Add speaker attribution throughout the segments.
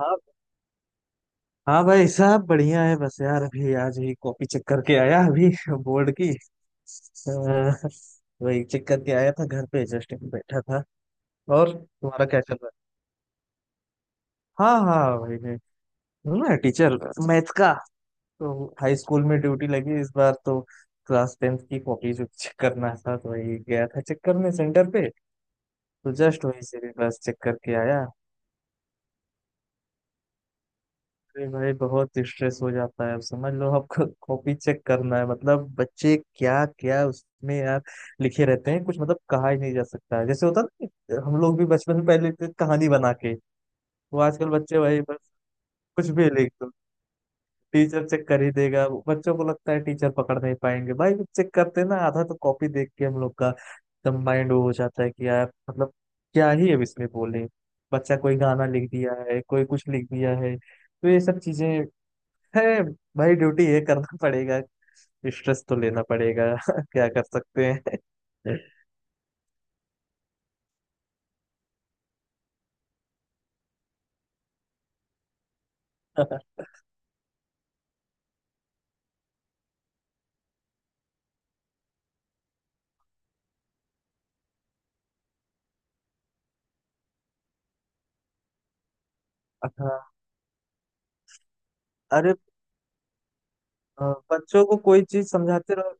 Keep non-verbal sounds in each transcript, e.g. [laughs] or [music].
Speaker 1: हाँ हाँ भाई साहब बढ़िया है। बस यार अभी आज ही कॉपी चेक करके आया अभी बोर्ड की वही चेक करके आया था घर पे जस्ट बैठा था। और तुम्हारा क्या चल रहा है। हाँ हाँ वही है। हूँ ना टीचर मैथ का। तो हाई स्कूल में ड्यूटी लगी इस बार तो। क्लास टेंथ की कॉपी जो चेक करना था तो वही गया था चेक करने सेंटर पे। तो जस्ट वही से भी बस चेक करके आया। अरे भाई बहुत स्ट्रेस हो जाता है। अब समझ लो आपको कॉपी चेक करना है मतलब बच्चे क्या क्या उसमें यार लिखे रहते हैं। कुछ मतलब कहा ही नहीं जा सकता है। जैसे होता ना कि हम लोग भी बचपन में पहले लिखते थे कहानी बना के। वो आजकल बच्चे भाई बस कुछ भी लिख दो टीचर चेक कर ही देगा। वो बच्चों को लगता है टीचर पकड़ नहीं पाएंगे। भाई चेक करते हैं ना आधा तो कॉपी देख के हम लोग का एकदम माइंड वो हो जाता है कि यार मतलब क्या ही अब इसमें बोले। बच्चा कोई गाना लिख दिया है कोई कुछ लिख दिया है तो ये सब चीजें है। भाई ड्यूटी ये करना पड़ेगा। स्ट्रेस तो लेना पड़ेगा [laughs] क्या कर सकते हैं। [laughs] हाँ अरे अ, बच्चों को कोई चीज समझाते रहो।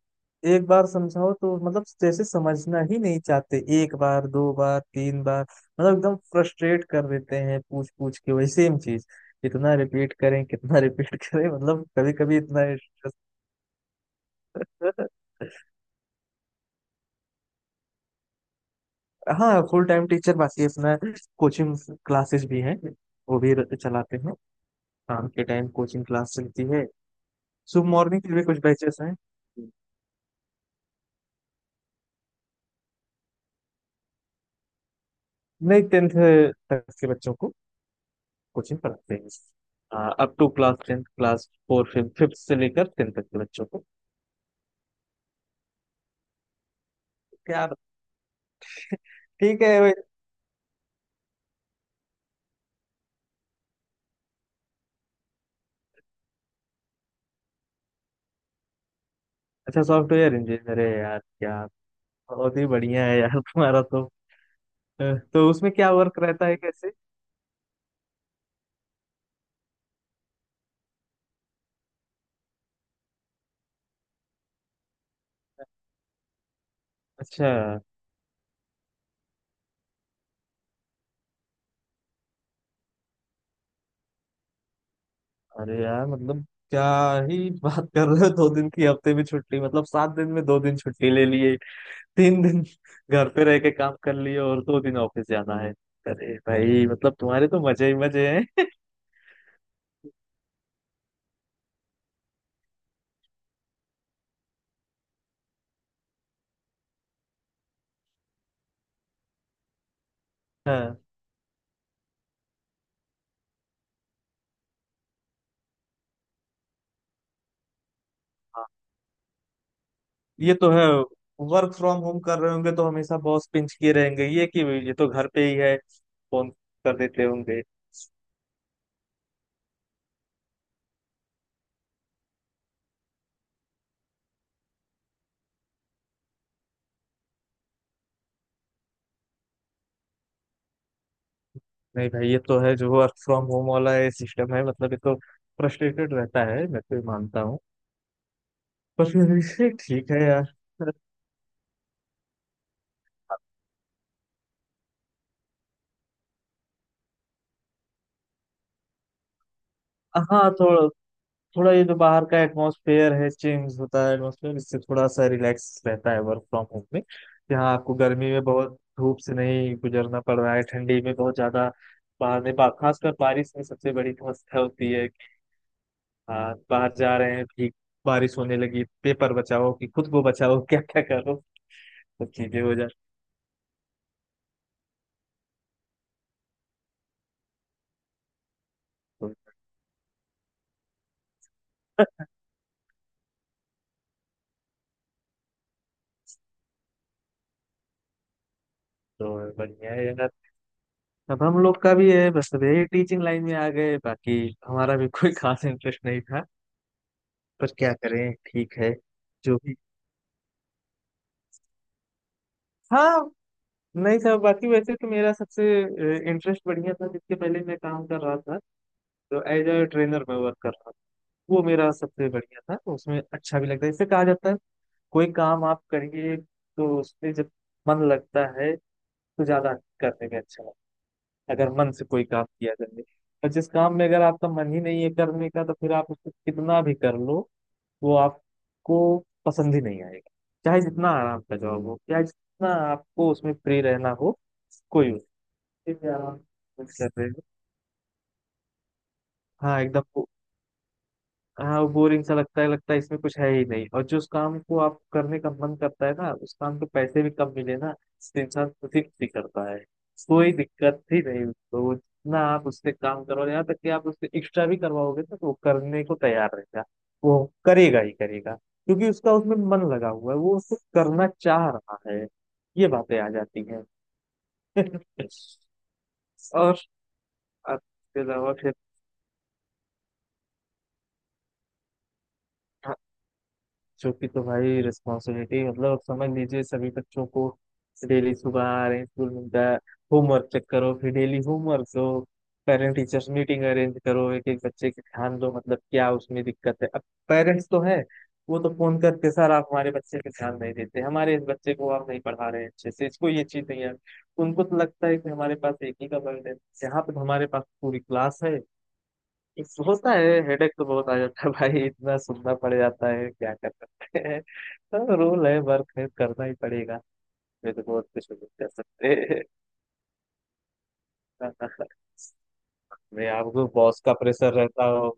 Speaker 1: एक बार समझाओ तो मतलब जैसे समझना ही नहीं चाहते। एक बार दो बार तीन बार मतलब एकदम फ्रस्ट्रेट कर देते हैं पूछ पूछ के वही सेम चीज। कितना रिपीट करें कितना रिपीट [laughs] करें मतलब कभी कभी इतना [laughs] हाँ फुल टाइम टीचर। बाकी अपना कोचिंग क्लासेस भी हैं वो भी चलाते हैं। शाम के टाइम कोचिंग क्लास चलती है। सुबह मॉर्निंग के भी कुछ बैचेस हैं। नहीं टेंथ तक के बच्चों को कोचिंग पढ़ाते हैं। Up to class tenth class four fifth fifth से लेकर टेंथ तक के बच्चों को। यार ठीक है भाई। अच्छा सॉफ्टवेयर इंजीनियर है यार क्या। बहुत ही बढ़िया है यार तुम्हारा तो। तो उसमें क्या वर्क रहता है कैसे। अच्छा। अरे यार मतलब क्या ही बात कर रहे हो। दो दिन की हफ्ते में छुट्टी मतलब सात दिन में दो दिन छुट्टी ले लिए। तीन दिन घर पे रह के काम कर लिए और दो दिन ऑफिस जाना है। अरे भाई मतलब तुम्हारे तो मजे ही मजे हैं। हाँ हाँ। ये तो है। वर्क फ्रॉम होम कर रहे होंगे तो हमेशा बॉस पिंच किए रहेंगे ये कि ये तो घर पे ही है फोन कर देते होंगे। नहीं भाई ये तो है जो वर्क फ्रॉम होम वाला है सिस्टम है मतलब ये तो फ्रस्ट्रेटेड रहता है। मैं तो ये मानता हूँ। पर फिर भी ठीक है यार। हाँ थोड़ा थोड़ा ये जो बाहर का एटमॉस्फेयर है चेंज होता है एटमॉस्फेयर इससे थोड़ा सा रिलैक्स रहता है वर्क फ्रॉम होम में। यहाँ आपको गर्मी में बहुत धूप से नहीं गुजरना पड़ रहा है। ठंडी में बहुत ज्यादा बाहर में खासकर बारिश में सबसे बड़ी समस्या होती है कि हाँ बाहर जा रहे हैं। भीग बारिश होने लगी पेपर बचाओ कि खुद को बचाओ [laughs] क्या क्या करो। सब चीजें हो जाती हैं। तो बढ़िया है यार। अब हम लोग का भी है बस अब यही टीचिंग लाइन में आ गए। बाकी हमारा भी कोई खास इंटरेस्ट नहीं था। पर क्या करें ठीक है जो भी। हाँ नहीं साहब बाकी वैसे तो मेरा सबसे इंटरेस्ट बढ़िया था जिसके पहले मैं काम कर रहा था। तो एज ए ट्रेनर में वर्क कर रहा था। वो मेरा सबसे बढ़िया था। तो उसमें अच्छा भी लगता है। इससे कहा जाता है कोई काम आप करिए तो उसमें जब मन लगता है तो ज्यादा करने में अच्छा लगता है अगर मन से कोई काम किया जाए। और जिस काम में अगर आपका मन ही नहीं है करने का तो फिर आप उसको कितना भी कर लो वो आपको पसंद ही नहीं आएगा। चाहे जितना आराम का जॉब हो चाहे जितना आपको उसमें फ्री रहना हो। कोई यार कर रहे हो। हाँ एकदम हाँ वो बोरिंग सा लगता है। लगता है इसमें कुछ है ही नहीं। और जो उस काम को आप करने का मन करता है ना उस काम को पैसे भी कम मिले ना तो इंसान खुशी खुशी करता है। कोई दिक्कत ही नहीं उसको ना। आप उससे काम करो यहाँ तक कि आप उससे एक्स्ट्रा भी करवाओगे ना तो वो करने को तैयार रहेगा। वो करेगा ही करेगा क्योंकि उसका उसमें मन लगा हुआ है वो उसको करना चाह रहा है। ये बातें आ जाती हैं। [laughs] और इसके अलावा फिर हाँ। बच्चों की तो भाई रिस्पॉन्सिबिलिटी मतलब आप समझ लीजिए। सभी बच्चों को डेली सुबह आ रहे हैं स्कूल मिलता है। होमवर्क चेक करो फिर डेली होमवर्क दो। पेरेंट टीचर्स मीटिंग अरेंज करो एक एक बच्चे के ध्यान दो मतलब क्या उसमें दिक्कत है। अब पेरेंट्स तो है वो तो फोन करके सर आप हमारे बच्चे पे ध्यान नहीं देते हमारे इस बच्चे को आप नहीं पढ़ा रहे हैं अच्छे से इसको ये चीज नहीं है। उनको तो लगता है कि हमारे पास एक ही का बर्डन है यहाँ पे तो हमारे पास पूरी क्लास है। होता है हेडेक तो बहुत आ जाता है भाई इतना सुनना पड़ जाता है। क्या कर सकते हैं तो रूल है वर्क है करना ही पड़ेगा। ये तो बहुत कुछ नहीं कर सकते। [laughs] मैं आपको बॉस का प्रेशर रहता हो।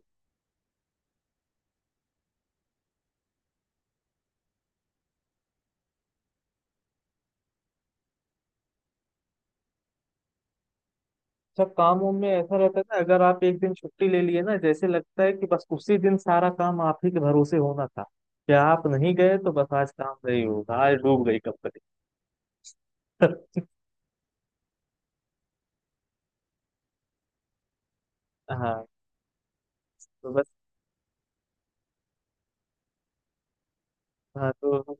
Speaker 1: अच्छा काम वाम में ऐसा रहता है ना अगर आप एक दिन छुट्टी ले लिए ना जैसे लगता है कि बस उसी दिन सारा काम आप ही के भरोसे होना था। कि आप नहीं गए तो बस आज काम नहीं होगा आज डूब गई कंपनी। [laughs] हाँ तो बस हाँ। तो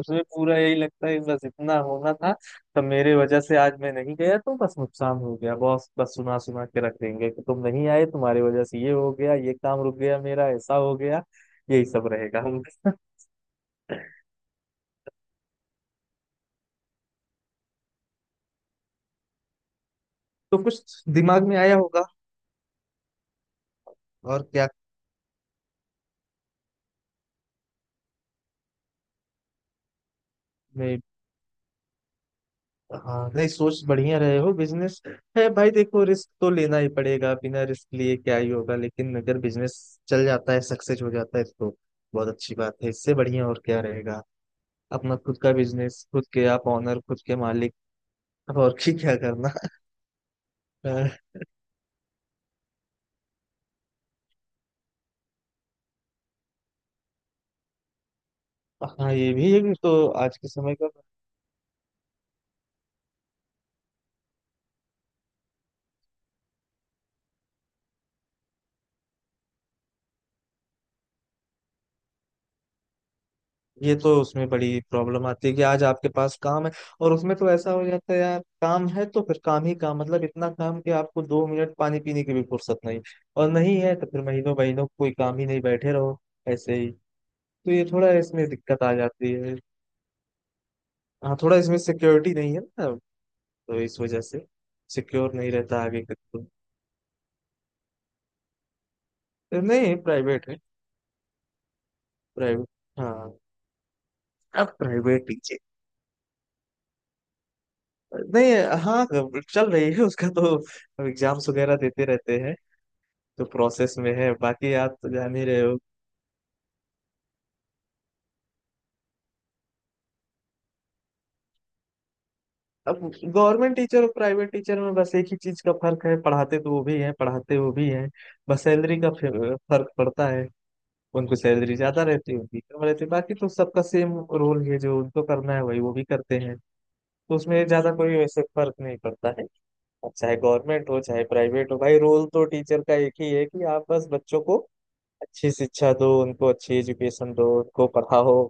Speaker 1: उसमें पूरा यही लगता है कि बस इतना होना था। तो मेरे वजह से आज मैं नहीं गया तो बस नुकसान हो गया। बॉस बस सुना सुना के रख देंगे कि तुम नहीं आए तुम्हारी वजह से ये हो गया ये काम रुक गया मेरा ऐसा हो गया। यही सब रहेगा। [laughs] तो कुछ दिमाग में आया होगा। और क्या मैं हाँ नहीं सोच बढ़िया रहे हो बिजनेस है भाई। देखो रिस्क तो लेना ही पड़ेगा बिना रिस्क लिए क्या ही होगा। लेकिन अगर बिजनेस चल जाता है सक्सेस हो जाता है तो बहुत अच्छी बात है। इससे बढ़िया और क्या रहेगा। अपना खुद का बिजनेस खुद के आप ऑनर खुद के मालिक। अब और की क्या करना। अ, हाँ ये भी है कि तो आज के समय का। ये तो उसमें बड़ी प्रॉब्लम आती है कि आज आपके पास काम है और उसमें तो ऐसा हो जाता है यार काम है तो फिर काम ही काम मतलब इतना काम कि आपको दो मिनट पानी पीने की भी फुर्सत नहीं। और नहीं है तो फिर महीनों महीनों कोई काम ही नहीं बैठे रहो ऐसे ही। तो ये थोड़ा इसमें दिक्कत आ जाती है। हाँ थोड़ा इसमें सिक्योरिटी नहीं है ना तो इस वजह से सिक्योर नहीं रहता आगे तक तो। नहीं प्राइवेट है प्राइवेट हाँ। अब प्राइवेट टीचर नहीं हाँ चल रही है उसका तो। अब एग्जाम्स वगैरह देते रहते हैं। तो प्रोसेस में है बाकी आप तो जान ही रहे हो। अब गवर्नमेंट टीचर और प्राइवेट टीचर में बस एक ही चीज का फर्क है। पढ़ाते तो वो भी हैं पढ़ाते वो भी हैं बस सैलरी का फर्क पड़ता है। उनको सैलरी ज्यादा रहती है उनकी कम रहती है। बाकी तो सबका सेम रोल है जो उनको करना है वही वो भी करते हैं। तो उसमें ज्यादा कोई वैसे फर्क नहीं पड़ता है। अब चाहे गवर्नमेंट हो चाहे प्राइवेट हो भाई रोल तो टीचर का एक ही है कि आप बस बच्चों को अच्छी शिक्षा दो उनको अच्छी एजुकेशन दो उनको पढ़ाओ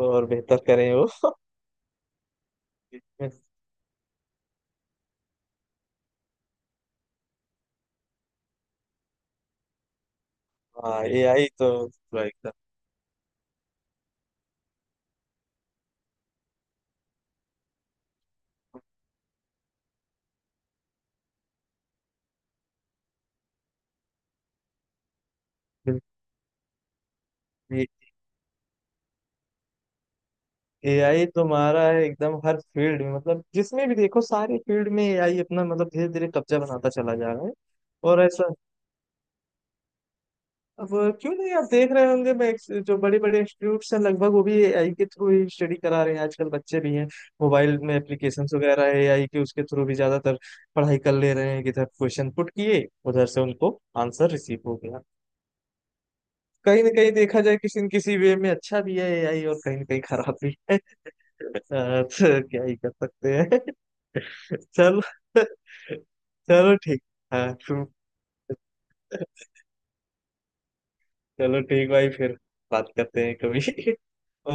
Speaker 1: और बेहतर करें वो। हाँ ए आई तो मारा है एकदम हर फील्ड में। मतलब जिसमें भी देखो सारे फील्ड में एआई अपना मतलब धीरे धीरे कब्जा बनाता चला जा रहा है। और ऐसा अब क्यों नहीं। आप देख रहे होंगे मैं जो बड़े बड़े इंस्टीट्यूट्स हैं लगभग वो भी एआई के थ्रू ही स्टडी करा रहे हैं। आजकल बच्चे भी हैं मोबाइल में एप्लीकेशंस वगैरह है एआई के उसके थ्रू भी ज्यादातर पढ़ाई कर ले रहे हैं। किधर क्वेश्चन पुट किए उधर से उनको आंसर रिसीव हो गया। कहीं ना कहीं देखा जाए किसी न किसी वे में अच्छा भी है एआई और कहीं ना कहीं खराब भी है। तो क्या ही कर सकते हैं। चलो चलो ठीक हाँ चलो ठीक भाई फिर बात करते हैं कभी।